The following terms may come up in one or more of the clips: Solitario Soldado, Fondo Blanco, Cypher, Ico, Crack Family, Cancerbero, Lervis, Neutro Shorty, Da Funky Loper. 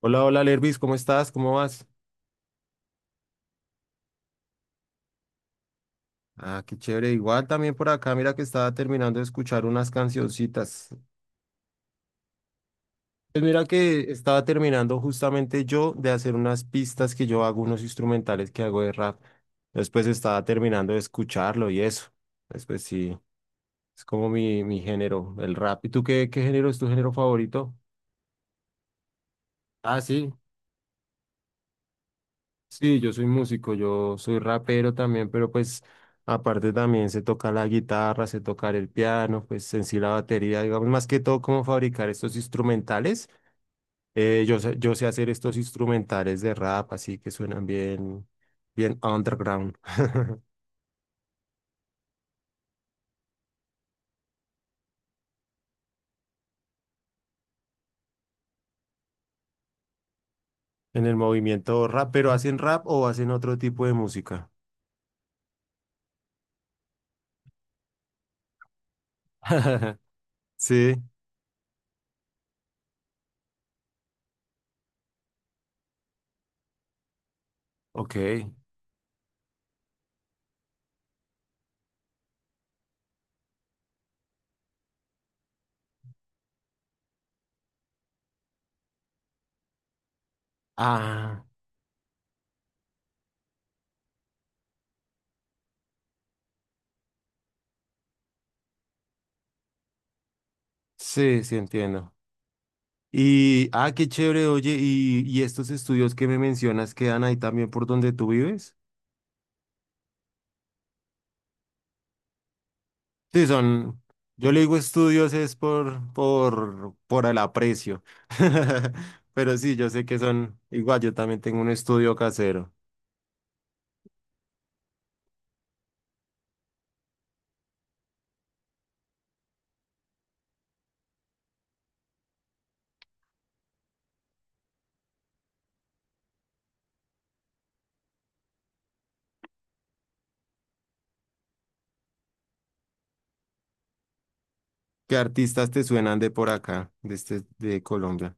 Hola, hola, Lervis, ¿cómo estás? ¿Cómo vas? Ah, qué chévere. Igual también por acá, mira que estaba terminando de escuchar unas cancioncitas. Pues mira que estaba terminando justamente yo de hacer unas pistas que yo hago, unos instrumentales que hago de rap. Después estaba terminando de escucharlo y eso. Después sí, es como mi género, el rap. ¿Y tú qué, qué género es tu género favorito? Ah, sí. Sí, yo soy músico, yo soy rapero también, pero pues aparte también se toca la guitarra, se tocar el piano, pues en sí la batería, digamos, más que todo cómo fabricar estos instrumentales. Yo sé hacer estos instrumentales de rap, así que suenan bien, bien underground. En el movimiento rap, pero ¿hacen rap o hacen otro tipo de música? Sí, ok. Ah, sí, sí entiendo. Qué chévere, oye, y estos estudios que me mencionas quedan ahí también por donde tú vives. Sí, son, yo le digo estudios es por el aprecio. Pero sí, yo sé que son, igual yo también tengo un estudio casero. ¿Qué artistas te suenan de por acá, de este, de Colombia?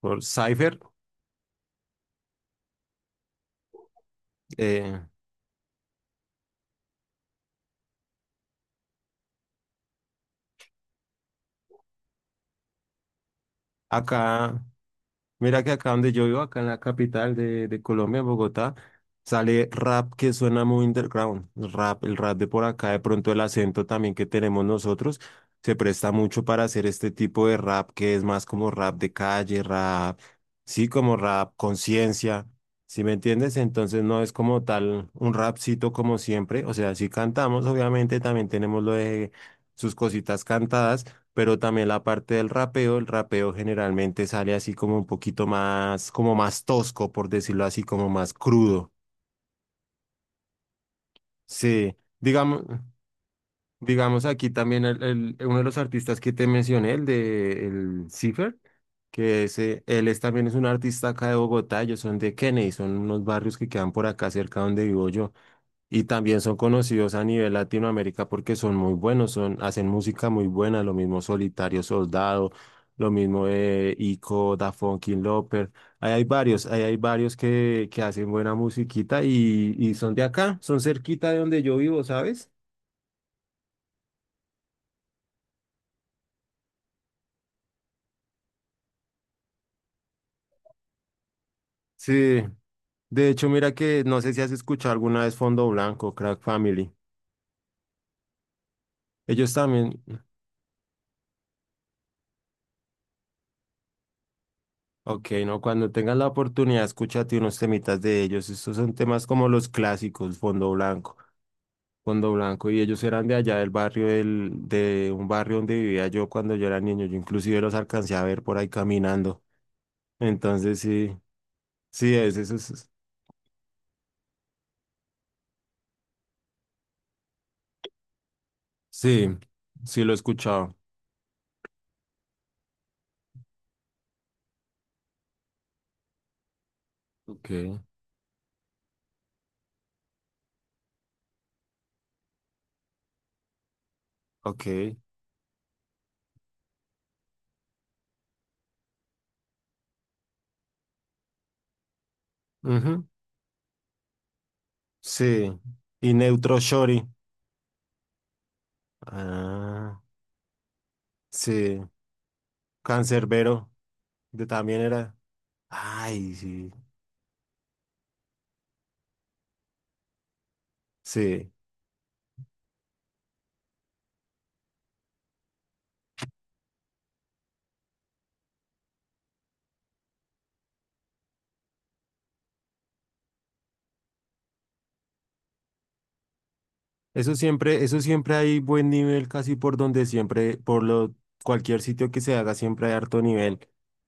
Por Cypher, eh, acá. Mira que acá donde yo vivo, acá en la capital de Colombia, en Bogotá, sale rap que suena muy underground. Rap, el rap de por acá, de pronto el acento también que tenemos nosotros, se presta mucho para hacer este tipo de rap que es más como rap de calle, rap, sí, como rap conciencia, ¿sí me entiendes? Entonces no es como tal un rapcito como siempre, o sea, sí cantamos, obviamente también tenemos lo de sus cositas cantadas pero también la parte del rapeo, el rapeo generalmente sale así como un poquito más, como más tosco, por decirlo así, como más crudo. Sí, digamos, digamos aquí también uno de los artistas que te mencioné, el de el Cipher, que es, él es, también es un artista acá de Bogotá, ellos son de Kennedy, son unos barrios que quedan por acá cerca donde vivo yo. Y también son conocidos a nivel Latinoamérica porque son muy buenos, son, hacen música muy buena, lo mismo Solitario Soldado, lo mismo Ico, Da Funky Loper. Ahí hay varios que hacen buena musiquita y son de acá, son cerquita de donde yo vivo, ¿sabes? Sí, de hecho, mira que no sé si has escuchado alguna vez Fondo Blanco, Crack Family. Ellos también, ok, no, cuando tengas la oportunidad, escúchate unos temitas de ellos. Estos son temas como los clásicos, Fondo Blanco. Fondo Blanco y ellos eran de allá del barrio del, de un barrio donde vivía yo cuando yo era niño. Yo inclusive los alcancé a ver por ahí caminando. Entonces sí, sí, es eso. Sí, sí lo he escuchado. Ok. Ok. Ujú, sí. Y Neutro Shorty. Ah, sí. Cancerbero, de también era. Ay, sí. Sí. Eso siempre hay buen nivel casi por donde siempre, por lo, cualquier sitio que se haga siempre hay harto nivel.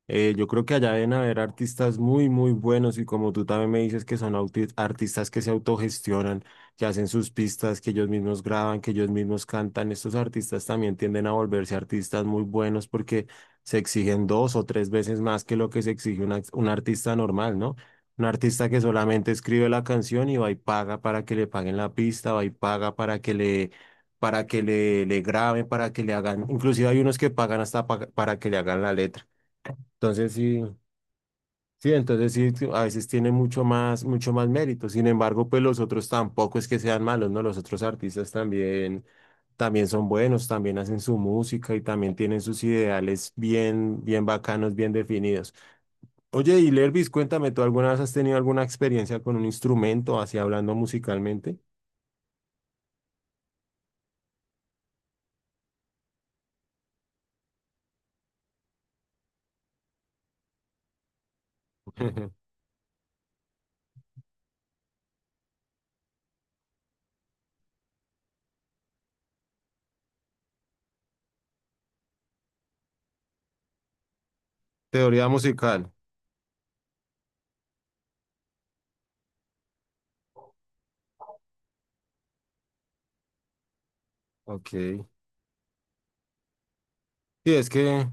Yo creo que allá deben haber artistas muy, muy buenos y como tú también me dices que son artistas que se autogestionan, que hacen sus pistas, que ellos mismos graban, que ellos mismos cantan. Estos artistas también tienden a volverse artistas muy buenos porque se exigen dos o tres veces más que lo que se exige un un artista normal, ¿no? Un artista que solamente escribe la canción y va y paga para que le paguen la pista, va y paga para que le graben, para que le hagan, inclusive hay unos que pagan hasta para que le hagan la letra. Entonces sí, sí, entonces sí, a veces tiene mucho más mérito. Sin embargo, pues los otros tampoco es que sean malos, ¿no? Los otros artistas también, también son buenos, también hacen su música y también tienen sus ideales bien, bien bacanos, bien definidos. Oye, y Lervis, cuéntame, ¿tú alguna vez has tenido alguna experiencia con un instrumento, así hablando musicalmente? Teoría musical. Ok. Sí, es que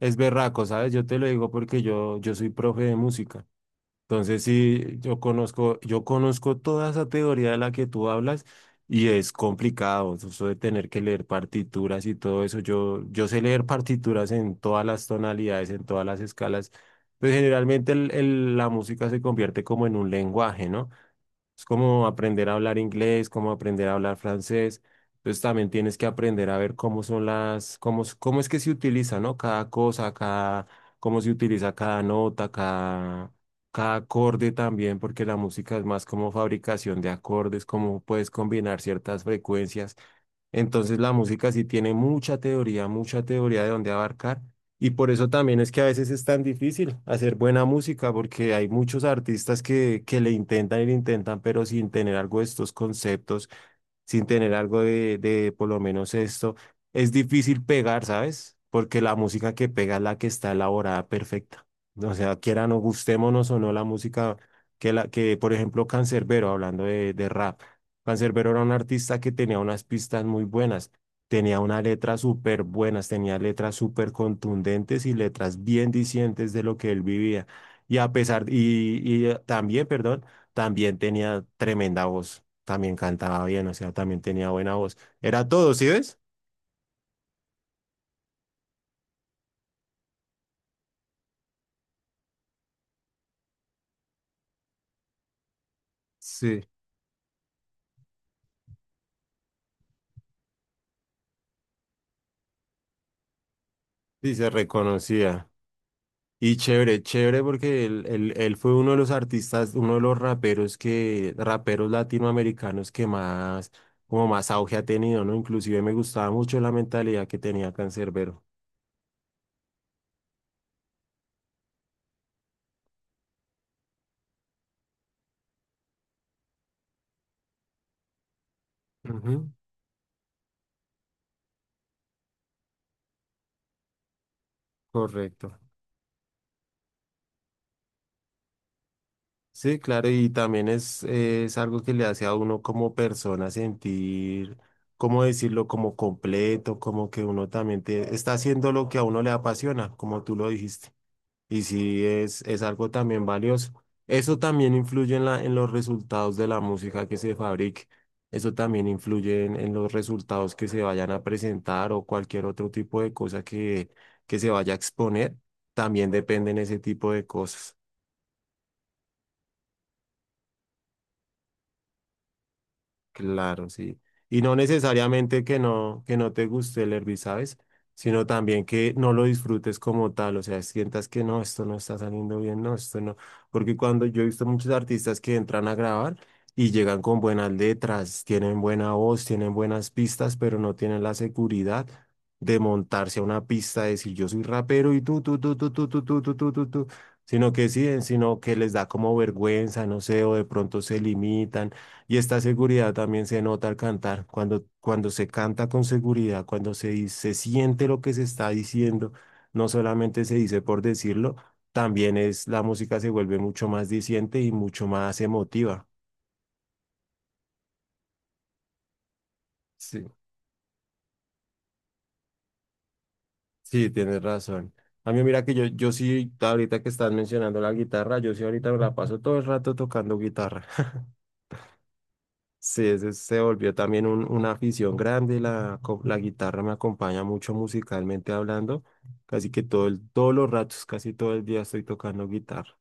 es berraco, ¿sabes? Yo te lo digo porque yo soy profe de música. Entonces, sí, yo conozco toda esa teoría de la que tú hablas y es complicado, eso de tener que leer partituras y todo eso. Yo sé leer partituras en todas las tonalidades, en todas las escalas, pues generalmente la música se convierte como en un lenguaje, ¿no? Es como aprender a hablar inglés, como aprender a hablar francés. Entonces también tienes que aprender a ver cómo son las, cómo, cómo es que se utiliza, ¿no? Cada cosa, cada, cómo se utiliza cada nota, cada acorde también, porque la música es más como fabricación de acordes, cómo puedes combinar ciertas frecuencias. Entonces la música sí tiene mucha teoría de dónde abarcar. Y por eso también es que a veces es tan difícil hacer buena música, porque hay muchos artistas que le intentan y le intentan, pero sin tener algo de estos conceptos sin tener algo de por lo menos esto, es difícil pegar, ¿sabes? Porque la música que pega es la que está elaborada perfecta. O sea, quiera o gustémonos o no la música que, la, que por ejemplo, Canserbero, hablando de rap, Canserbero era un artista que tenía unas pistas muy buenas, tenía unas letras súper buenas, tenía letras súper contundentes y letras bien dicientes de lo que él vivía. Y a pesar, y También, perdón, también tenía tremenda voz también cantaba bien, o sea, también tenía buena voz. Era todo, ¿sí ves? Sí. Sí, se reconocía. Y chévere, chévere porque él fue uno de los artistas, uno de los raperos que, raperos latinoamericanos que más, como más auge ha tenido, ¿no? Inclusive me gustaba mucho la mentalidad que tenía Cancerbero. Ujú, correcto. Sí, claro, y también es algo que le hace a uno como persona sentir, ¿cómo decirlo?, como completo, como que uno también está haciendo lo que a uno le apasiona, como tú lo dijiste. Y sí, es algo también valioso. Eso también influye en la, en los resultados de la música que se fabrique. Eso también influye en los resultados que se vayan a presentar o cualquier otro tipo de cosa que se vaya a exponer. También dependen ese tipo de cosas. Claro, sí. Y no necesariamente que no te guste el hervir, ¿sabes? Sino también que no lo disfrutes como tal, o sea, sientas que no, esto no está saliendo bien, no, esto no. Porque cuando yo he visto muchos artistas que entran a grabar y llegan con buenas letras, tienen buena voz, tienen buenas pistas, pero no tienen la seguridad de montarse a una pista, de decir yo soy rapero y tú", sino que sí, sino que les da como vergüenza, no sé, o de pronto se limitan y esta seguridad también se nota al cantar, cuando, cuando se canta con seguridad, cuando se, se siente lo que se está diciendo, no solamente se dice por decirlo, también es la música se vuelve mucho más diciente y mucho más emotiva. Sí, sí, tienes razón. A mí mira que yo sí, ahorita que estás mencionando la guitarra, yo sí ahorita me la paso todo el rato tocando guitarra. Sí, ese se volvió también una afición grande. La guitarra me acompaña mucho musicalmente hablando. Casi que todo el, todos los ratos, casi todo el día estoy tocando guitarra.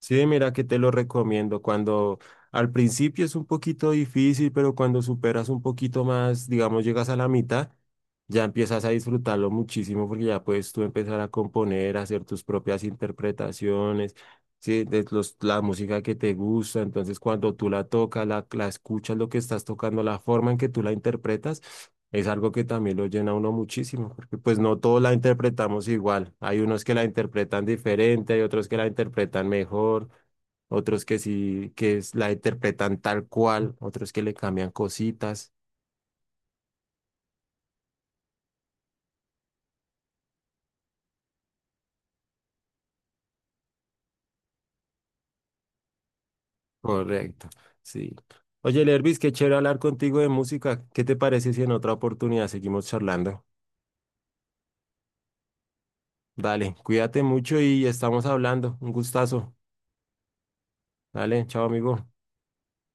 Sí, mira que te lo recomiendo. Cuando al principio es un poquito difícil, pero cuando superas un poquito más, digamos, llegas a la mitad, ya empiezas a disfrutarlo muchísimo porque ya puedes tú empezar a componer, a hacer tus propias interpretaciones, sí, de los, la música que te gusta. Entonces, cuando tú la tocas, la escuchas, lo que estás tocando, la forma en que tú la interpretas es algo que también lo llena a uno muchísimo, porque pues no todos la interpretamos igual. Hay unos que la interpretan diferente, hay otros que la interpretan mejor, otros que sí, la interpretan tal cual, otros que le cambian cositas. Correcto, sí. Oye, Lervis, qué chévere hablar contigo de música. ¿Qué te parece si en otra oportunidad seguimos charlando? Dale, cuídate mucho y estamos hablando. Un gustazo. Dale, chao, amigo.